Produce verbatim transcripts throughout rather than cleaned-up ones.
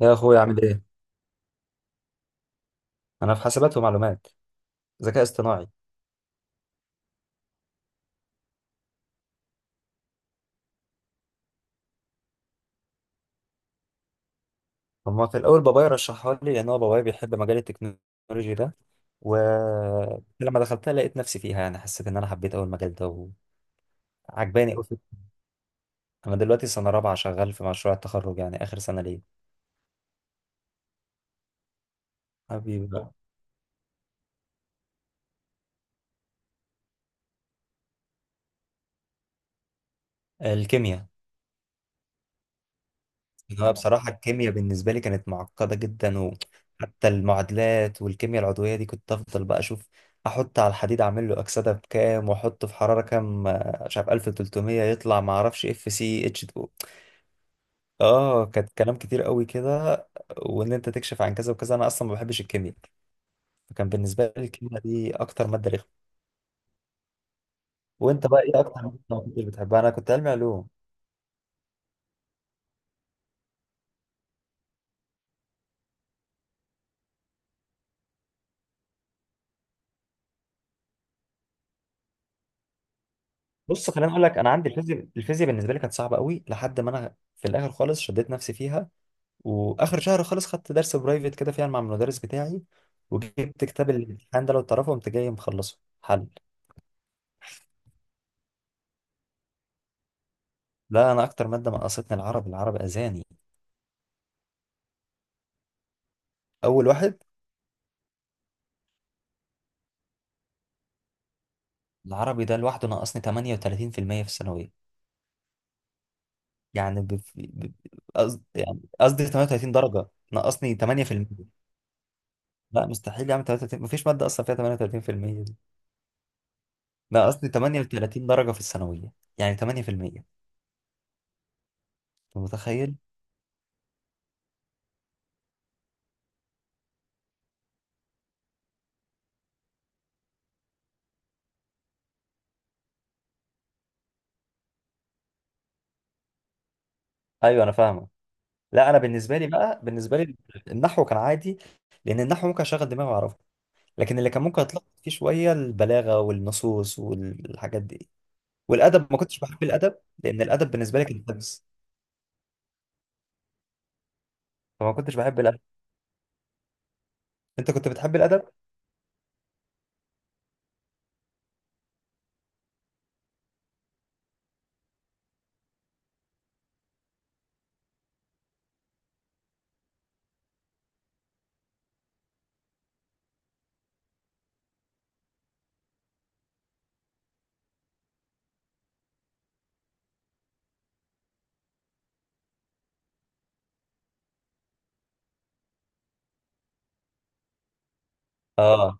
يا اخويا، عامل ايه؟ انا في حاسبات ومعلومات، ذكاء اصطناعي. هما في الاول بابايا رشحها لي لان هو بابايا بيحب مجال التكنولوجي ده. ولما دخلتها لقيت نفسي فيها، يعني حسيت ان انا حبيت اول المجال ده وعجباني قوي. انا دلوقتي سنه رابعه شغال في مشروع التخرج، يعني اخر سنه ليه. حبيبي بقى. الكيمياء. إن هو بصراحة الكيمياء بالنسبة لي كانت معقدة جدا، وحتى المعادلات والكيمياء العضوية دي كنت أفضل بقى أشوف أحط على الحديد أعمل له أكسدة بكام وأحطه في حرارة كام، آه، مش عارف ألف وتلتمية يطلع معرفش اف سي اتش اتنين. اه، كانت كلام كتير قوي كده. وإن أنت تكشف عن كذا وكذا، أنا أصلا ما بحبش الكيمياء. فكان بالنسبة لي الكيمياء دي أكتر مادة رخمة. وأنت بقى إيه أكتر مادة ما كنتش بتحبها؟ أنا كنت علمي علوم. بص خليني أقول لك، أنا عندي الفيزياء. الفيزياء بالنسبة لي كانت صعبة قوي لحد ما أنا في الآخر خالص شديت نفسي فيها. واخر شهر خالص خدت درس برايفت كده فيها مع المدرس بتاعي. وجبت كتاب الامتحان ده لو تعرفه قمت جاي مخلصه حل. لا، انا اكتر ماده نقصتني العربي. العربي اذاني. اول واحد. العربي ده لوحده نقصني تمنية وتلاتين في المية في المية في الثانويه. يعني بف- ب- قصد- يعني قصدي ثمانية وثلاثين درجه. نقصني تمنية في المية. لا، مستحيل يعمل ثلاثة وثلاثين. مفيش ماده اصلا فيها تمنية وتلاتين في المية دي. نقصني ثمانية وثلاثين درجه في الثانويه، يعني تمنية في المية. أنت متخيل؟ ايوه، انا فاهمك. لا انا بالنسبه لي بقى، بالنسبه لي النحو كان عادي. لان النحو ممكن اشغل دماغي واعرفه. لكن اللي كان ممكن اتلخبط فيه شويه البلاغه والنصوص والحاجات دي. والادب ما كنتش بحب الادب، لان الادب بالنسبه لي كان حفظ، فما كنتش بحب الادب. انت كنت بتحب الادب؟ اه،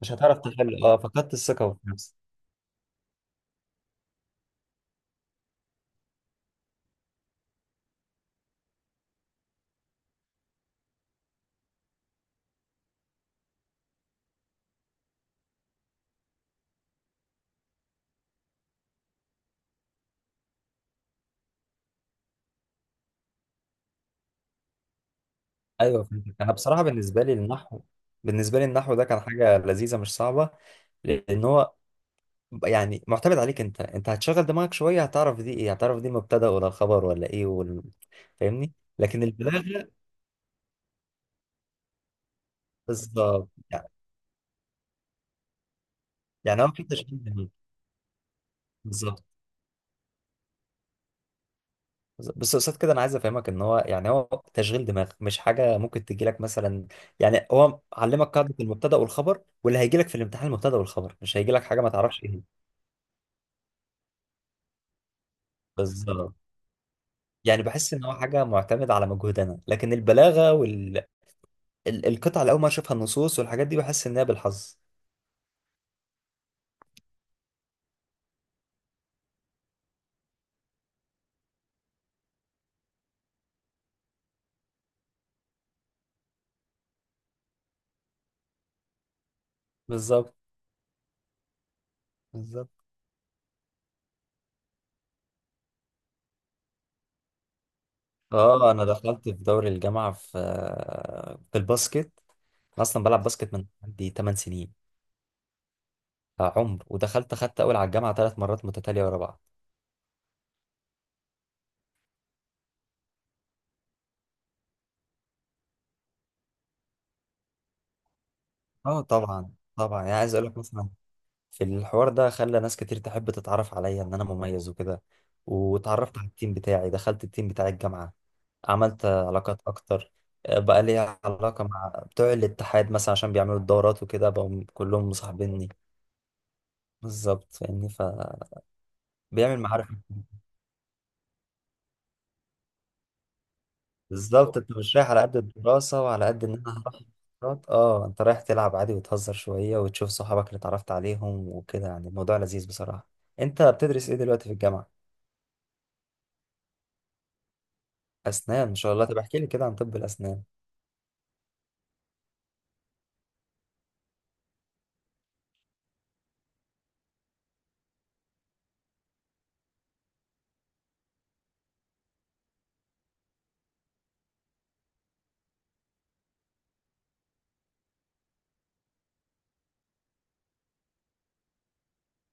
مش هتعرف تحل. اه، فقدت الثقه في نفسك. ايوه فهمتك. انا بصراحه بالنسبه لي النحو، بالنسبه لي النحو ده كان حاجه لذيذه مش صعبه. لان هو يعني معتمد عليك، انت انت هتشغل دماغك شويه هتعرف دي ايه، هتعرف دي المبتدا ولا الخبر ولا ايه ولا. فاهمني؟ لكن البلاغه. بالظبط، يعني يعني هو في تشغيل دماغ. بالظبط. بس قصاد كده انا عايز افهمك ان هو، يعني هو تشغيل دماغ مش حاجه ممكن تجي لك مثلا. يعني هو علمك قاعده المبتدا والخبر، واللي هيجي لك في الامتحان المبتدا والخبر، مش هيجي لك حاجه ما تعرفش ايه هي. بالظبط. يعني بحس ان هو حاجه معتمده على مجهود انا، لكن البلاغه والقطع اللي اول ما اشوفها، النصوص والحاجات دي، بحس انها بالحظ. بالظبط. بالظبط. اه، انا دخلت في دوري الجامعه في في الباسكت. انا اصلا بلعب باسكت من عندي تمن سنين. آه، عمر، ودخلت خدت اول على الجامعه ثلاث مرات متتاليه ورا بعض. اه، طبعا، طبعا. يعني عايز اقول لك مثلا، في الحوار ده خلى ناس كتير تحب تتعرف عليا ان انا مميز وكده. واتعرفت على التيم بتاعي، دخلت التيم بتاع الجامعه، عملت علاقات اكتر. آه، بقى ليا علاقه مع بتوع الاتحاد مثلا، عشان بيعملوا الدورات وكده بقوا كلهم مصاحبيني. بالظبط، فاهمني، فبيعمل معارف. بالظبط، انت مش رايح على قد الدراسة، وعلى قد ان انا هروح المحاضرات. اه، انت رايح تلعب عادي وتهزر شوية وتشوف صحابك اللي اتعرفت عليهم وكده، يعني الموضوع لذيذ بصراحة. انت بتدرس ايه دلوقتي في الجامعة؟ اسنان، ان شاء الله. طب احكي لي كده عن طب الاسنان.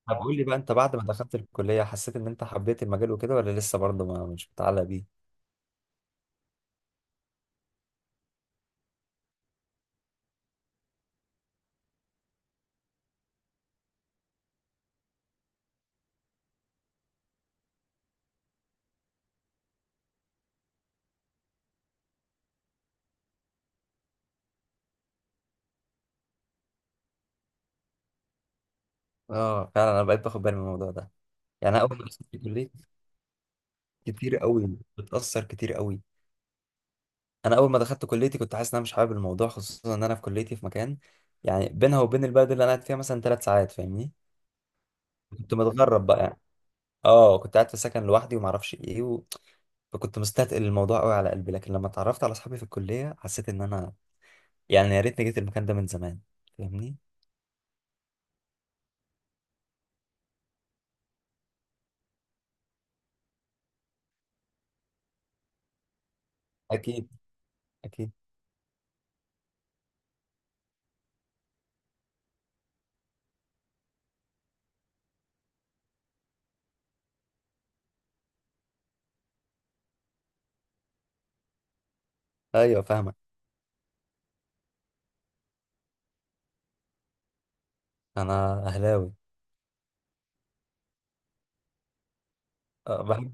طب قول لي بقى، انت بعد ما دخلت الكلية حسيت ان انت حبيت المجال وكده ولا لسه برضه ما مش متعلق بيه؟ اه فعلا، انا بقيت باخد بالي من الموضوع ده. يعني انا اول ما دخلت الكلية، كتير قوي، بتأثر كتير قوي. انا اول ما دخلت كليتي كنت حاسس ان انا مش حابب الموضوع، خصوصا ان انا في كليتي في مكان، يعني بينها وبين البلد اللي انا قاعد فيها مثلا ثلاث ساعات، فاهمني. كنت متغرب بقى، يعني. اه كنت قاعد في سكن لوحدي وما اعرفش ايه و... فكنت مستثقل الموضوع قوي على قلبي، لكن لما اتعرفت على اصحابي في الكليه حسيت ان انا، يعني يا ريتني جيت المكان ده من زمان، فاهمني. اكيد، اكيد. ايوه، فاهمك. انا اهلاوي. أه، بحب.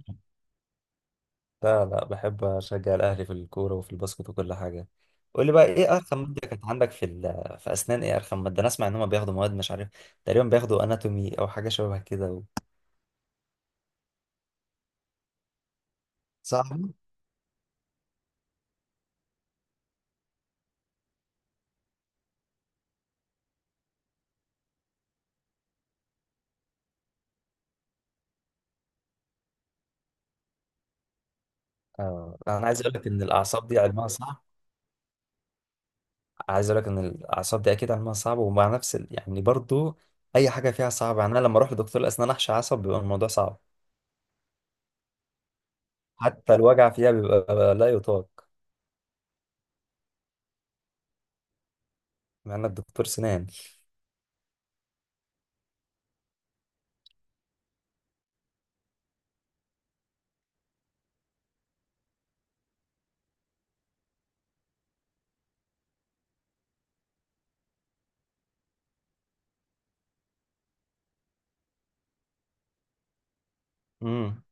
لا، لا، بحب أشجع الأهلي في الكورة وفي الباسكت وكل حاجة. قول لي بقى إيه أرخم مادة كانت عندك في ال... في أسنان؟ إيه أرخم مادة؟ أنا أسمع إن هما بياخدوا مواد، مش عارف، تقريبا بياخدوا أناتومي أو حاجة شبه كده و... صح. آه. أنا عايز أقول لك إن الأعصاب دي علمها صعب. عايز أقول لك إن الأعصاب دي أكيد علمها صعب، ومع نفس ال... يعني برضو، أي حاجة فيها صعبة. يعني أنا لما أروح لدكتور الأسنان أحشي عصب بيبقى الموضوع صعب. حتى الوجع فيها بيبقى لا يطاق. مع إنك دكتور سنان. امم.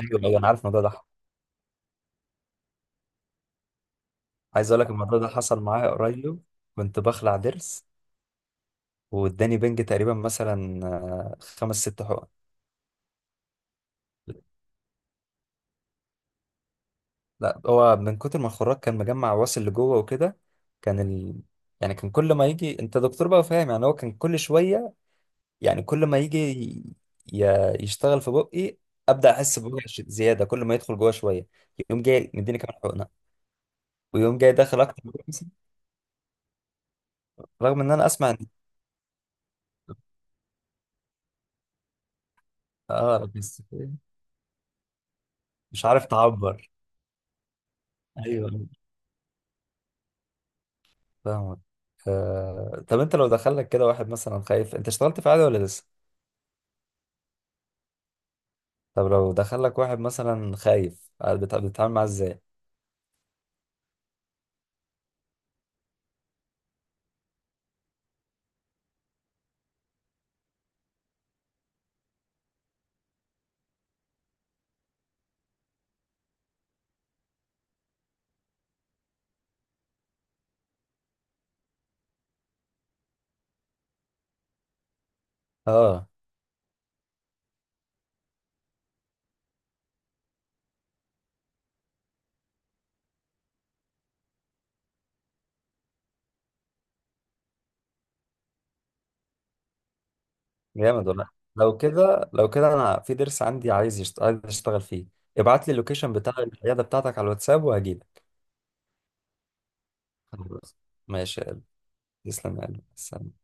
أيوه، أيوه، أنا عارف الموضوع ده. عايز اقول لك الموضوع ده حصل معايا قريب. كنت بخلع ضرس، واداني بنج تقريبا مثلا آه، خمس ست حقن. لا، هو من كتر ما الخراج كان مجمع واصل لجوه وكده، كان ال... يعني كان كل ما يجي، انت دكتور بقى فاهم، يعني هو كان كل شويه، يعني كل ما يجي ي... يشتغل في بقي، ابدا احس بوجع ش- زياده، كل ما يدخل جوه شويه يقوم جاي مديني كمان حقنه، ويقوم جاي داخل اكتر من كده مثلاً. رغم ان انا اسمع ان، اه بس مش عارف تعبر. ايوه فاهمك. آه... طب انت لو دخلك كده واحد مثلا خايف، انت اشتغلت في عادي ولا لسه؟ طب لو دخلك واحد مثلا خايف، آه، بت- بتتعامل معاه ازاي؟ اه، جامد. ولا لو كده، لو كده انا في ضرس عندي عايز يشت... عايز اشتغل فيه. ابعت لي اللوكيشن بتاع العياده بتاعتك على الواتساب وهجيلك. خلاص، ماشي يا قلبي. تسلم يا قلبي. سلام.